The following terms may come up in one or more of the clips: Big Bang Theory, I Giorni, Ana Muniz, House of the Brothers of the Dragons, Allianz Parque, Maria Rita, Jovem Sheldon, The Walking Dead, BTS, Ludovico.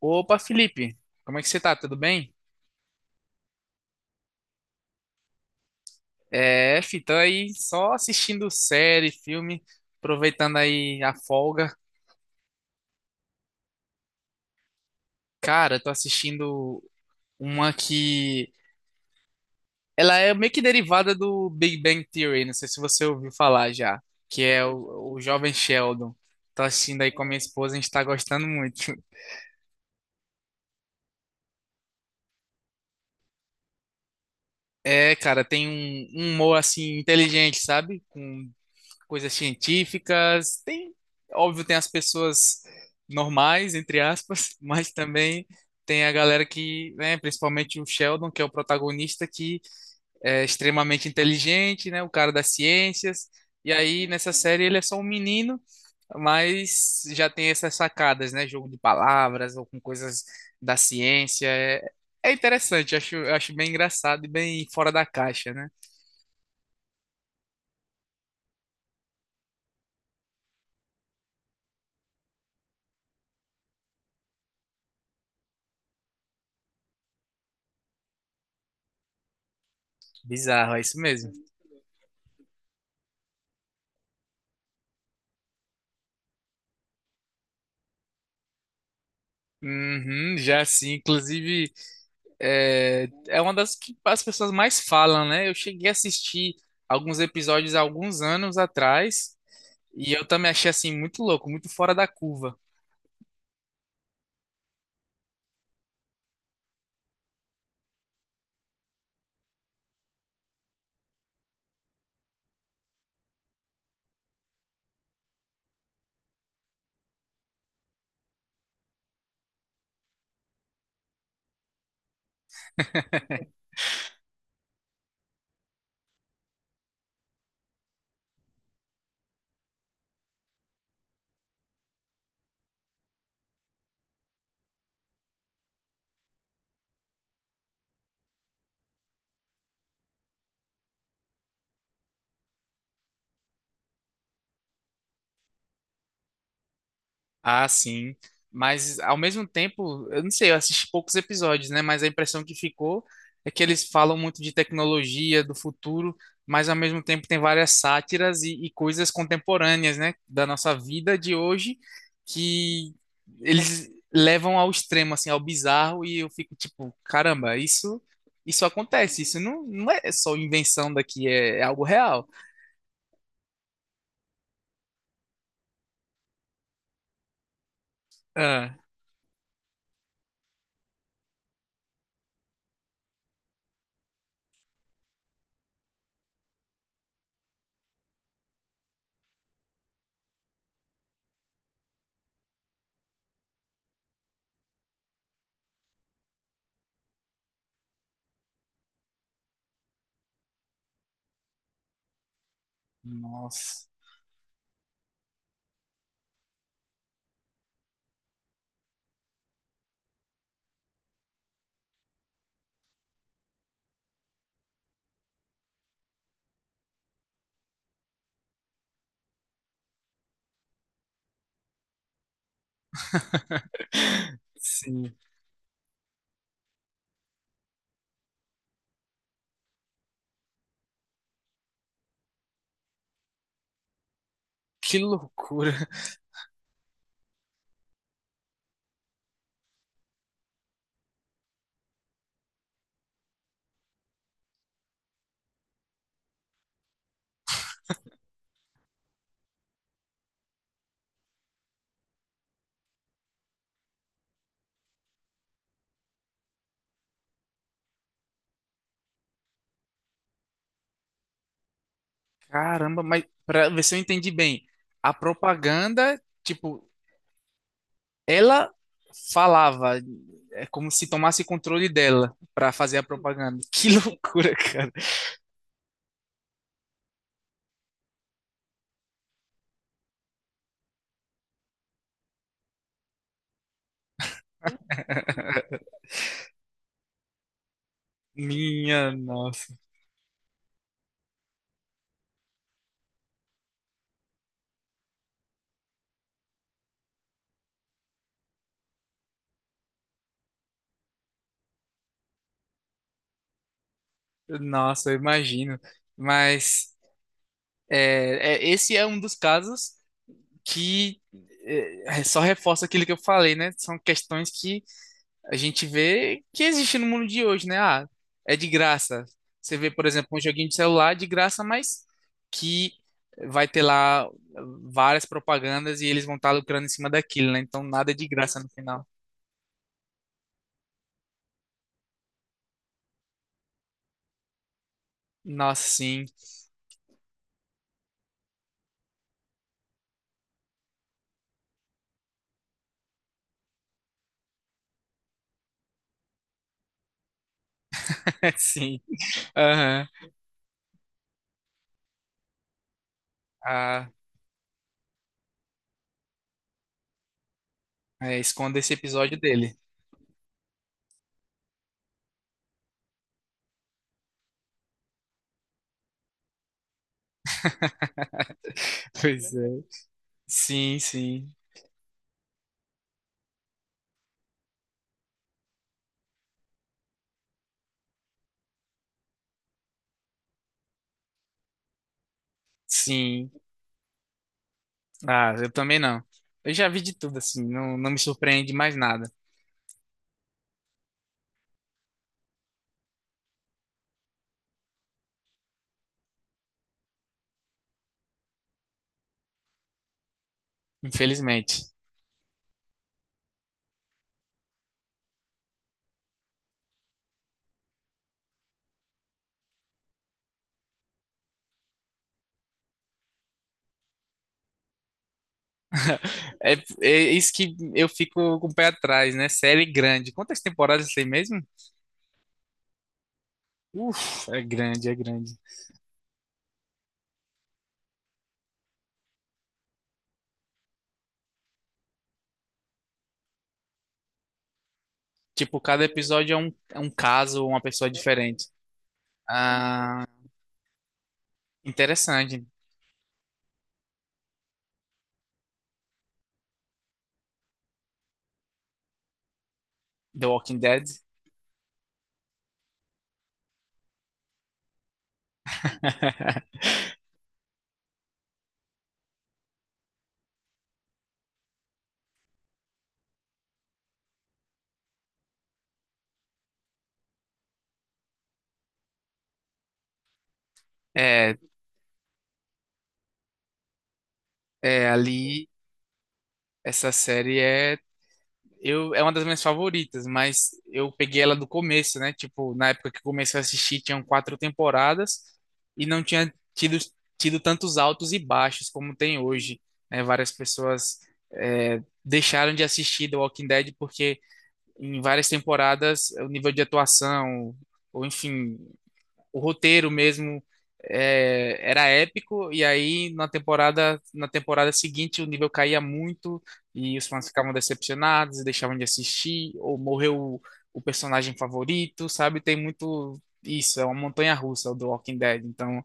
Opa, Felipe, como é que você tá? Tudo bem? É, fi, tô aí só assistindo série, filme, aproveitando aí a folga. Cara, tô assistindo uma que ela é meio que derivada do Big Bang Theory, não sei se você ouviu falar já, que é o Jovem Sheldon. Tô assistindo aí com a minha esposa, a gente tá gostando muito. É, cara, tem um humor assim inteligente, sabe? Com coisas científicas. Tem, óbvio, tem as pessoas normais, entre aspas, mas também tem a galera que, né, principalmente o Sheldon, que é o protagonista, que é extremamente inteligente, né, o cara das ciências. E aí, nessa série, ele é só um menino, mas já tem essas sacadas, né? Jogo de palavras ou com coisas da ciência. É, é interessante, acho, eu acho bem engraçado e bem fora da caixa, né? Bizarro, é isso mesmo. Uhum, já sim, inclusive é, é uma das que as pessoas mais falam, né? Eu cheguei a assistir alguns episódios há alguns anos atrás e eu também achei assim muito louco, muito fora da curva. Ah, sim. Mas ao mesmo tempo, eu não sei, eu assisti poucos episódios, né? Mas a impressão que ficou é que eles falam muito de tecnologia, do futuro, mas ao mesmo tempo tem várias sátiras e coisas contemporâneas, né? Da nossa vida de hoje, que eles levam ao extremo, assim, ao bizarro, e eu fico tipo, caramba, isso acontece, isso não, não é só invenção daqui, é, é algo real. Ah, nossa, sim, que loucura. Caramba, mas para ver se eu entendi bem, a propaganda, tipo, ela falava, é como se tomasse controle dela para fazer a propaganda. Que loucura, cara. Minha nossa. Nossa, eu imagino. Mas é, é, esse é um dos casos que é, só reforça aquilo que eu falei, né? São questões que a gente vê que existe no mundo de hoje, né? Ah, é de graça. Você vê, por exemplo, um joguinho de celular de graça, mas que vai ter lá várias propagandas e eles vão estar lucrando em cima daquilo, né? Então nada é de graça no final. Nossa, sim, sim. Aham. Ah, é, esconda esse episódio dele. Pois é. Sim, sim, sim. Ah, eu também não. Eu já vi de tudo, assim, não, não me surpreende mais nada, infelizmente. É, é isso que eu fico com o pé atrás, né? Série grande. Quantas temporadas tem mesmo? Uf, é grande, é grande. Tipo, cada episódio é um caso, uma pessoa diferente. Ah, interessante. The Walking Dead. É, é ali, essa série é eu, é uma das minhas favoritas, mas eu peguei ela do começo, né? Tipo, na época que eu comecei a assistir, tinham quatro temporadas e não tinha tido, tido tantos altos e baixos como tem hoje, né? Várias pessoas é, deixaram de assistir The Walking Dead porque em várias temporadas o nível de atuação, ou enfim, o roteiro mesmo é, era épico, e aí na temporada seguinte o nível caía muito e os fãs ficavam decepcionados, deixavam de assistir, ou morreu o personagem favorito, sabe? Tem muito isso, é uma montanha russa do Walking Dead, então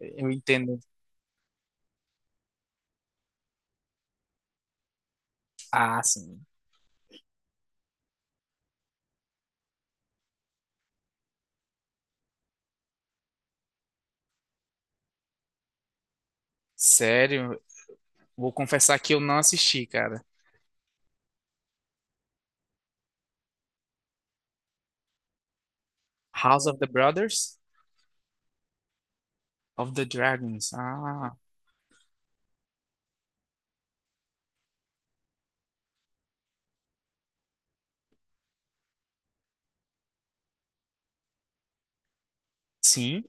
eu entendo. Ah, assim, sério, vou confessar que eu não assisti, cara. House of the Brothers of the Dragons. Ah, sim.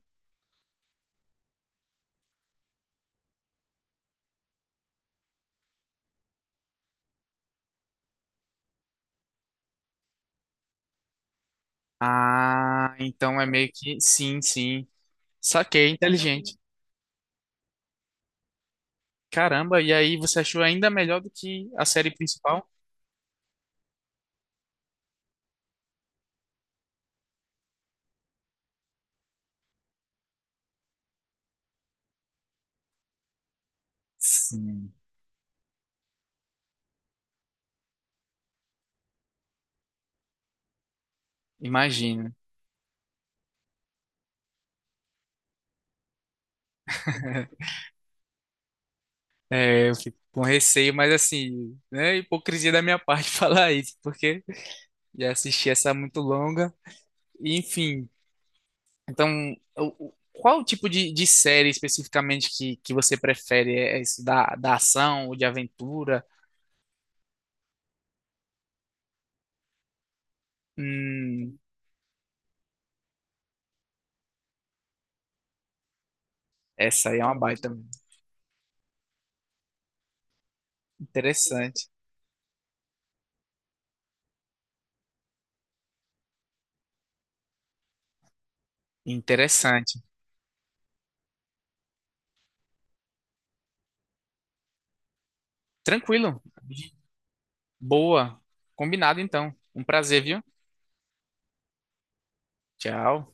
Ah, então é meio que sim, sim. Saquei, inteligente. Caramba, e aí você achou ainda melhor do que a série principal? Sim. Imagino. É, eu fico com receio, mas assim, né, hipocrisia da minha parte falar isso, porque já assisti essa muito longa. E, enfim, então, o- o- qual o tipo de série especificamente que você prefere? É isso da, da ação ou de aventura? Hum, essa aí é uma baita. Interessante. Interessante. Tranquilo. Boa. Combinado então. Um prazer, viu? Tchau.